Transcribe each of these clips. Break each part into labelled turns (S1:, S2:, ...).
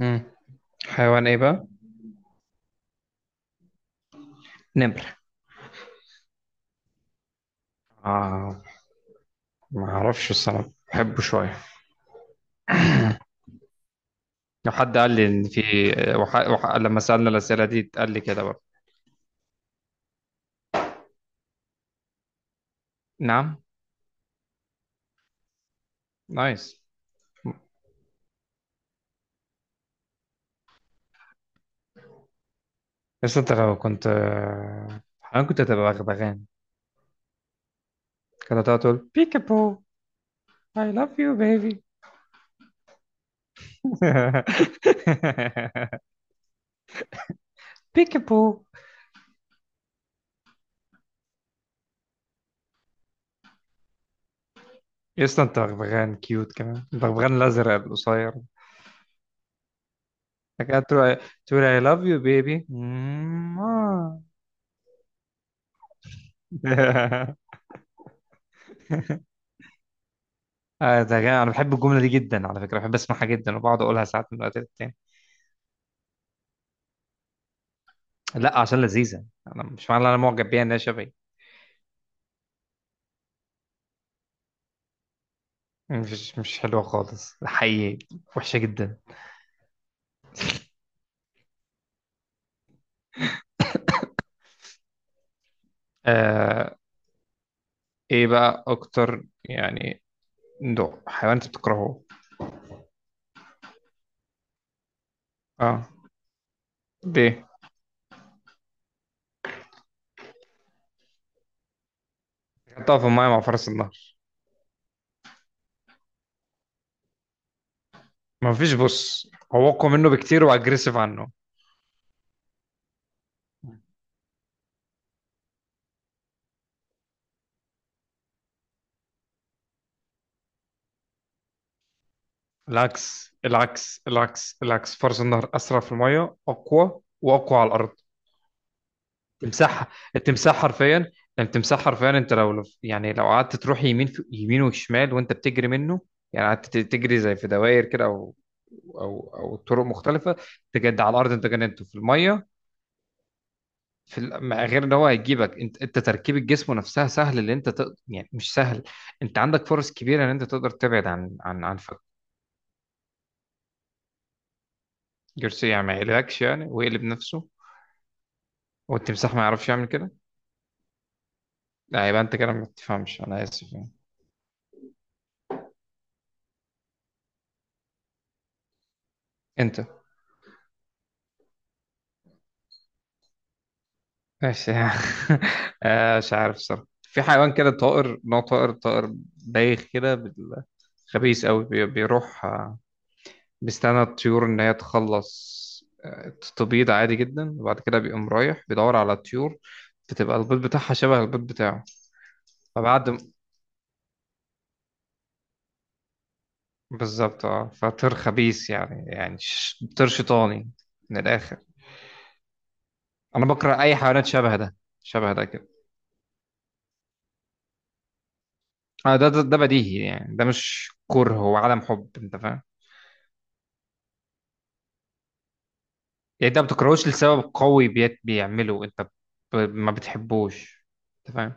S1: مم. حيوان ايه بقى؟ نمر. آه ما اعرفش الصراحة، بحبه شوية. لو حد قال لي ان في لما سألنا الأسئلة دي قال لي كده برضه. نعم. نايس. بس انت لو كنت حيوان كنت هتبقى بغبغان، كنت هتقعد تقول بيكابو I love you baby بيكابو. يا اسطى انت بغبغان كيوت كمان، البغبغان الازرق القصير، لكن تقول، تقول I love you baby. آه. آه، انا بحب الجمله دي جدا على فكره، بحب اسمعها جدا وبقعد اقولها ساعات من وقت للتاني. لا عشان لذيذه، انا مش معنى إن انا معجب بيها انها شبهي. مش حلوه خالص حقيقي، وحشه جدا. آه. ايه بقى اكتر يعني نوع حيوان انت بتكرهه؟ اه. ليه؟ تقف في المايه مع فرس النهر؟ ما فيش بص، هو اقوى منه بكتير واجريسيف عنه. العكس العكس العكس العكس، فرس النهر اسرع في المايه، اقوى، واقوى على الارض. تمساح. التمساح حرفيا، التمساح حرفيا انت يعني لو قعدت تروح يمين في يمين وشمال وانت بتجري منه، يعني قعدت تجري زي في دوائر كده، او او طرق مختلفه. تجد على الارض انت جننته في الميه. مع غير ان هو هيجيبك، انت انت تركيبه جسمه نفسها سهل اللي انت يعني مش سهل، انت عندك فرص كبيره ان انت تقدر تبعد عن عن عنفك. جارسيا ما يقلقكش يعني، ويقلب نفسه. والتمساح ما يعرفش يعمل كده. لا يبقى انت كده ما بتفهمش، انا اسف يعني. انت. ماشي. آه، مش عارف الصراحة، في حيوان كده طائر، نوع طائر، بايخ كده خبيث قوي، بيروح آه، بيستنى الطيور إن هي تخلص، آه، تبيض عادي جدا، وبعد كده بيقوم رايح بيدور على الطيور، بتبقى البيض بتاعها شبه البيض بتاعه. فبعد م- بالظبط اه، فطير خبيث يعني، يعني طير شيطاني من الآخر. أنا بكره أي حيوانات شبه ده، شبه ده كده. آه، ده بديهي يعني، ده مش كره هو عدم حب، أنت فاهم؟ يعني انت ما بتكرهوش لسبب قوي بيعمله انت، ما بتحبوش، انت فاهم.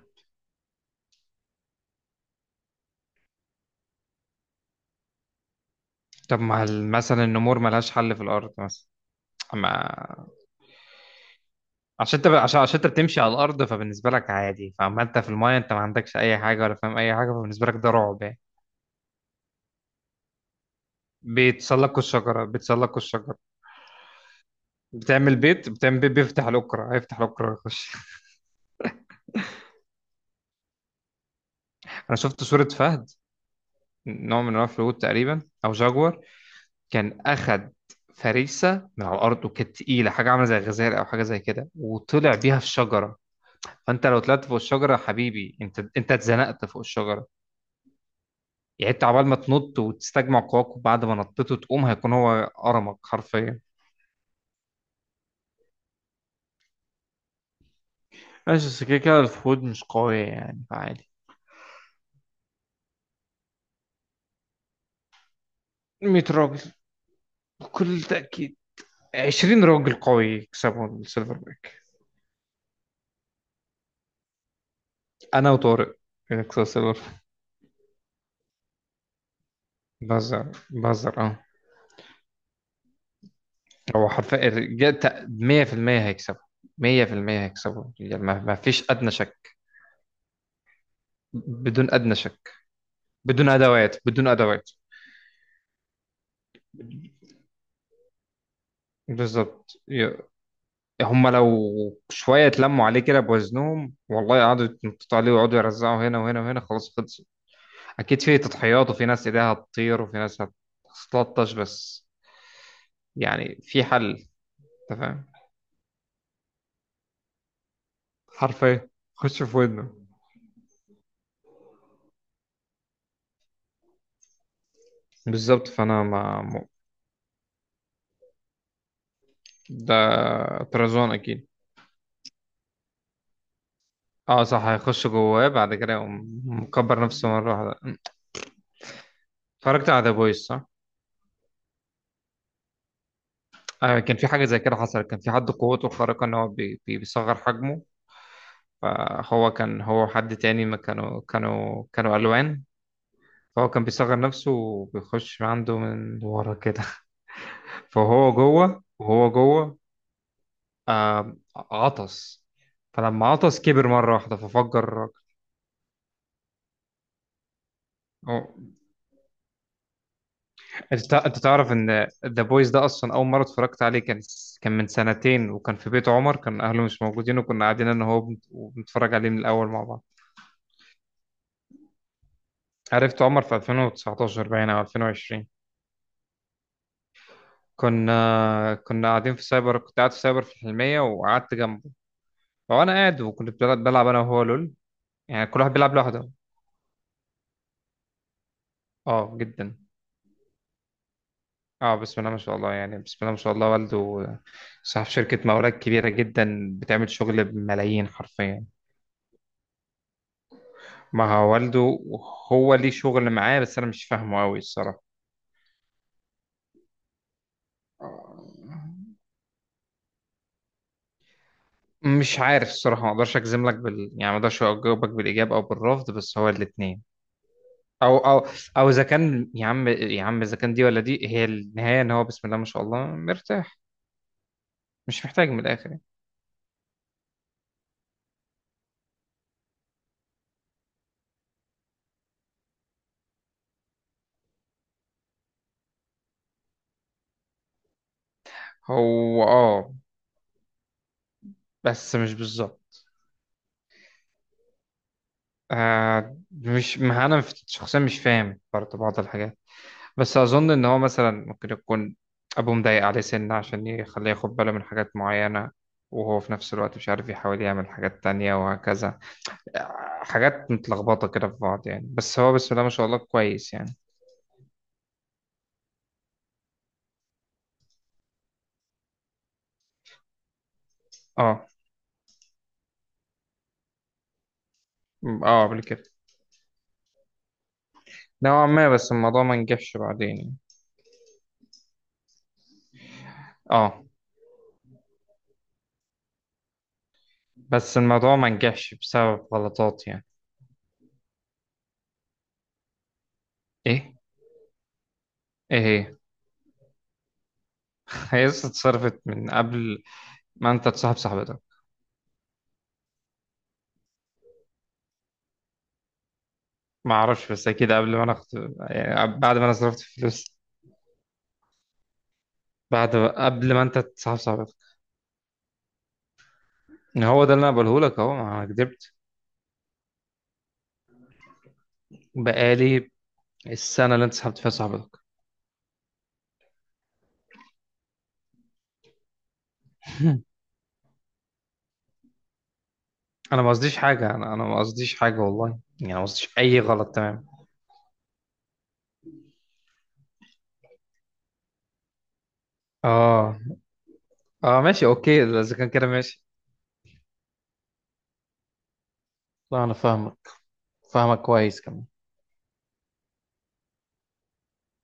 S1: طب ما مثلا النمور ملهاش حل في الارض مثلا. ما. عشان عشان انت بتمشي على الارض فبالنسبه لك عادي، فاما انت في المايه انت ما عندكش اي حاجه ولا فاهم اي حاجه، فبالنسبه لك ده رعب يعني. بيتسلقوا الشجره. بتعمل بيت، بيفتح الاكره هيفتح الاكره ويخش. انا شفت صوره فهد، نوع من انواع الفهود تقريبا او جاguar، كان أخد فريسة من على الأرض وكانت تقيلة، حاجة عاملة زي غزال أو حاجة زي كده، وطلع بيها في الشجرة. فأنت لو طلعت فوق الشجرة يا حبيبي، أنت أنت اتزنقت فوق الشجرة، يعني أنت عبال ما تنط وتستجمع قواك وبعد ما نطيت وتقوم، هيكون هو قرمك حرفيا. ماشي، بس كده كده الوحود مش قوية يعني، فعادي. 100 راجل. بكل تأكيد. 20 راجل قوي يكسبوا السيلفر باك. أنا وطارق نكسب السيلفر باك. بهزر بهزر أه. هو حرفيا الرجال 100% هيكسبوا، 100% هيكسبوا الرجال، ما فيش أدنى شك، بدون أدنى شك. بدون أدوات، بدون أدوات. بالظبط. هم لو شوية اتلموا عليه كده بوزنهم والله، قعدوا يتنططوا عليه ويقعدوا يرزعوا هنا وهنا وهنا، خلاص خلص. أكيد في تضحيات، وفي ناس إيديها هتطير، وفي ناس هتتلطش، بس يعني في حل. أنت فاهم؟ حرفيا خش في ودنه. بالظبط. فأنا ما م- ده طرزان أكيد. اه صح، هيخش جواه بعد كده يقوم مكبر نفسه مرة واحدة. اتفرجت على ذا بويز صح؟ آه كان في حاجة زي كده حصلت، كان في حد قوته الخارقة ان هو بي بيصغر حجمه، فهو كان، هو حد تاني، ما كانوا كانوا ألوان، فهو كان بيصغر نفسه وبيخش عنده من ورا كده. فهو جوه وهو جوه. آه عطس، فلما عطس كبر مرة واحدة ففجر الراجل. انت تعرف ان ذا بويز ده اصلا اول مره اتفرجت عليه كان، كان من سنتين، وكان في بيت عمر، كان اهله مش موجودين وكنا قاعدين انا وهو وبنتفرج عليه من الاول مع بعض. عرفت عمر في 2019 باين او 2020. كنا قاعدين في سايبر، كنت قاعد في سايبر في الحلميه وقعدت جنبه، وانا قاعد وكنت بلعب انا وهو لول، يعني كل واحد بيلعب لوحده. اه جدا. اه بسم الله ما شاء الله يعني، بسم الله ما شاء الله. والده صاحب شركه مقاولات كبيره جدا، بتعمل شغل بملايين حرفيا. ما هو والده، هو ليه شغل معاه بس انا مش فاهمه قوي الصراحه. مش عارف الصراحه، ما اقدرش اجزم لك يعني ما اقدرش اجاوبك بالاجاب او بالرفض، بس هو الاثنين، او او او اذا كان، يا عم يا عم اذا كان دي ولا دي هي النهايه ان هو بسم الله ما شاء الله مرتاح، مش محتاج من الاخر يعني. هو اه، بس مش بالظبط. آه مش، ما انا شخصيا مش فاهم برضه بعض الحاجات، بس أظن إن هو مثلا ممكن يكون أبوه مضايق عليه سنة عشان يخليه ياخد باله من حاجات معينة، وهو في نفس الوقت مش عارف، يحاول يعمل حاجات تانية وهكذا، حاجات متلخبطة كده في بعض يعني، بس هو بسم الله ما شاء الله كويس يعني. اه. اه قبل كده. نوعا ما، بس الموضوع ما نجحش بعدين يعني. اه. بس الموضوع ما نجحش بسبب غلطات يعني. ايه؟ ايه هي؟ هي لسه اتصرفت من قبل ما انت تصاحب صاحبتك. ما اعرفش، بس اكيد قبل ما انا يعني بعد ما انا صرفت فلوس. بعد، قبل ما انت تسحب صاحبتك. هو ده اللي انا بقوله لك اهو، ما انا كدبت. بقالي السنه اللي انت سحبت فيها صاحبتك. انا ما قصديش حاجه انا ما قصديش حاجه والله يعني، ما قصديش اي غلط تمام. اه. اه ماشي اوكي، اذا كان كده ماشي. لا انا فاهمك، فاهمك كويس كمان.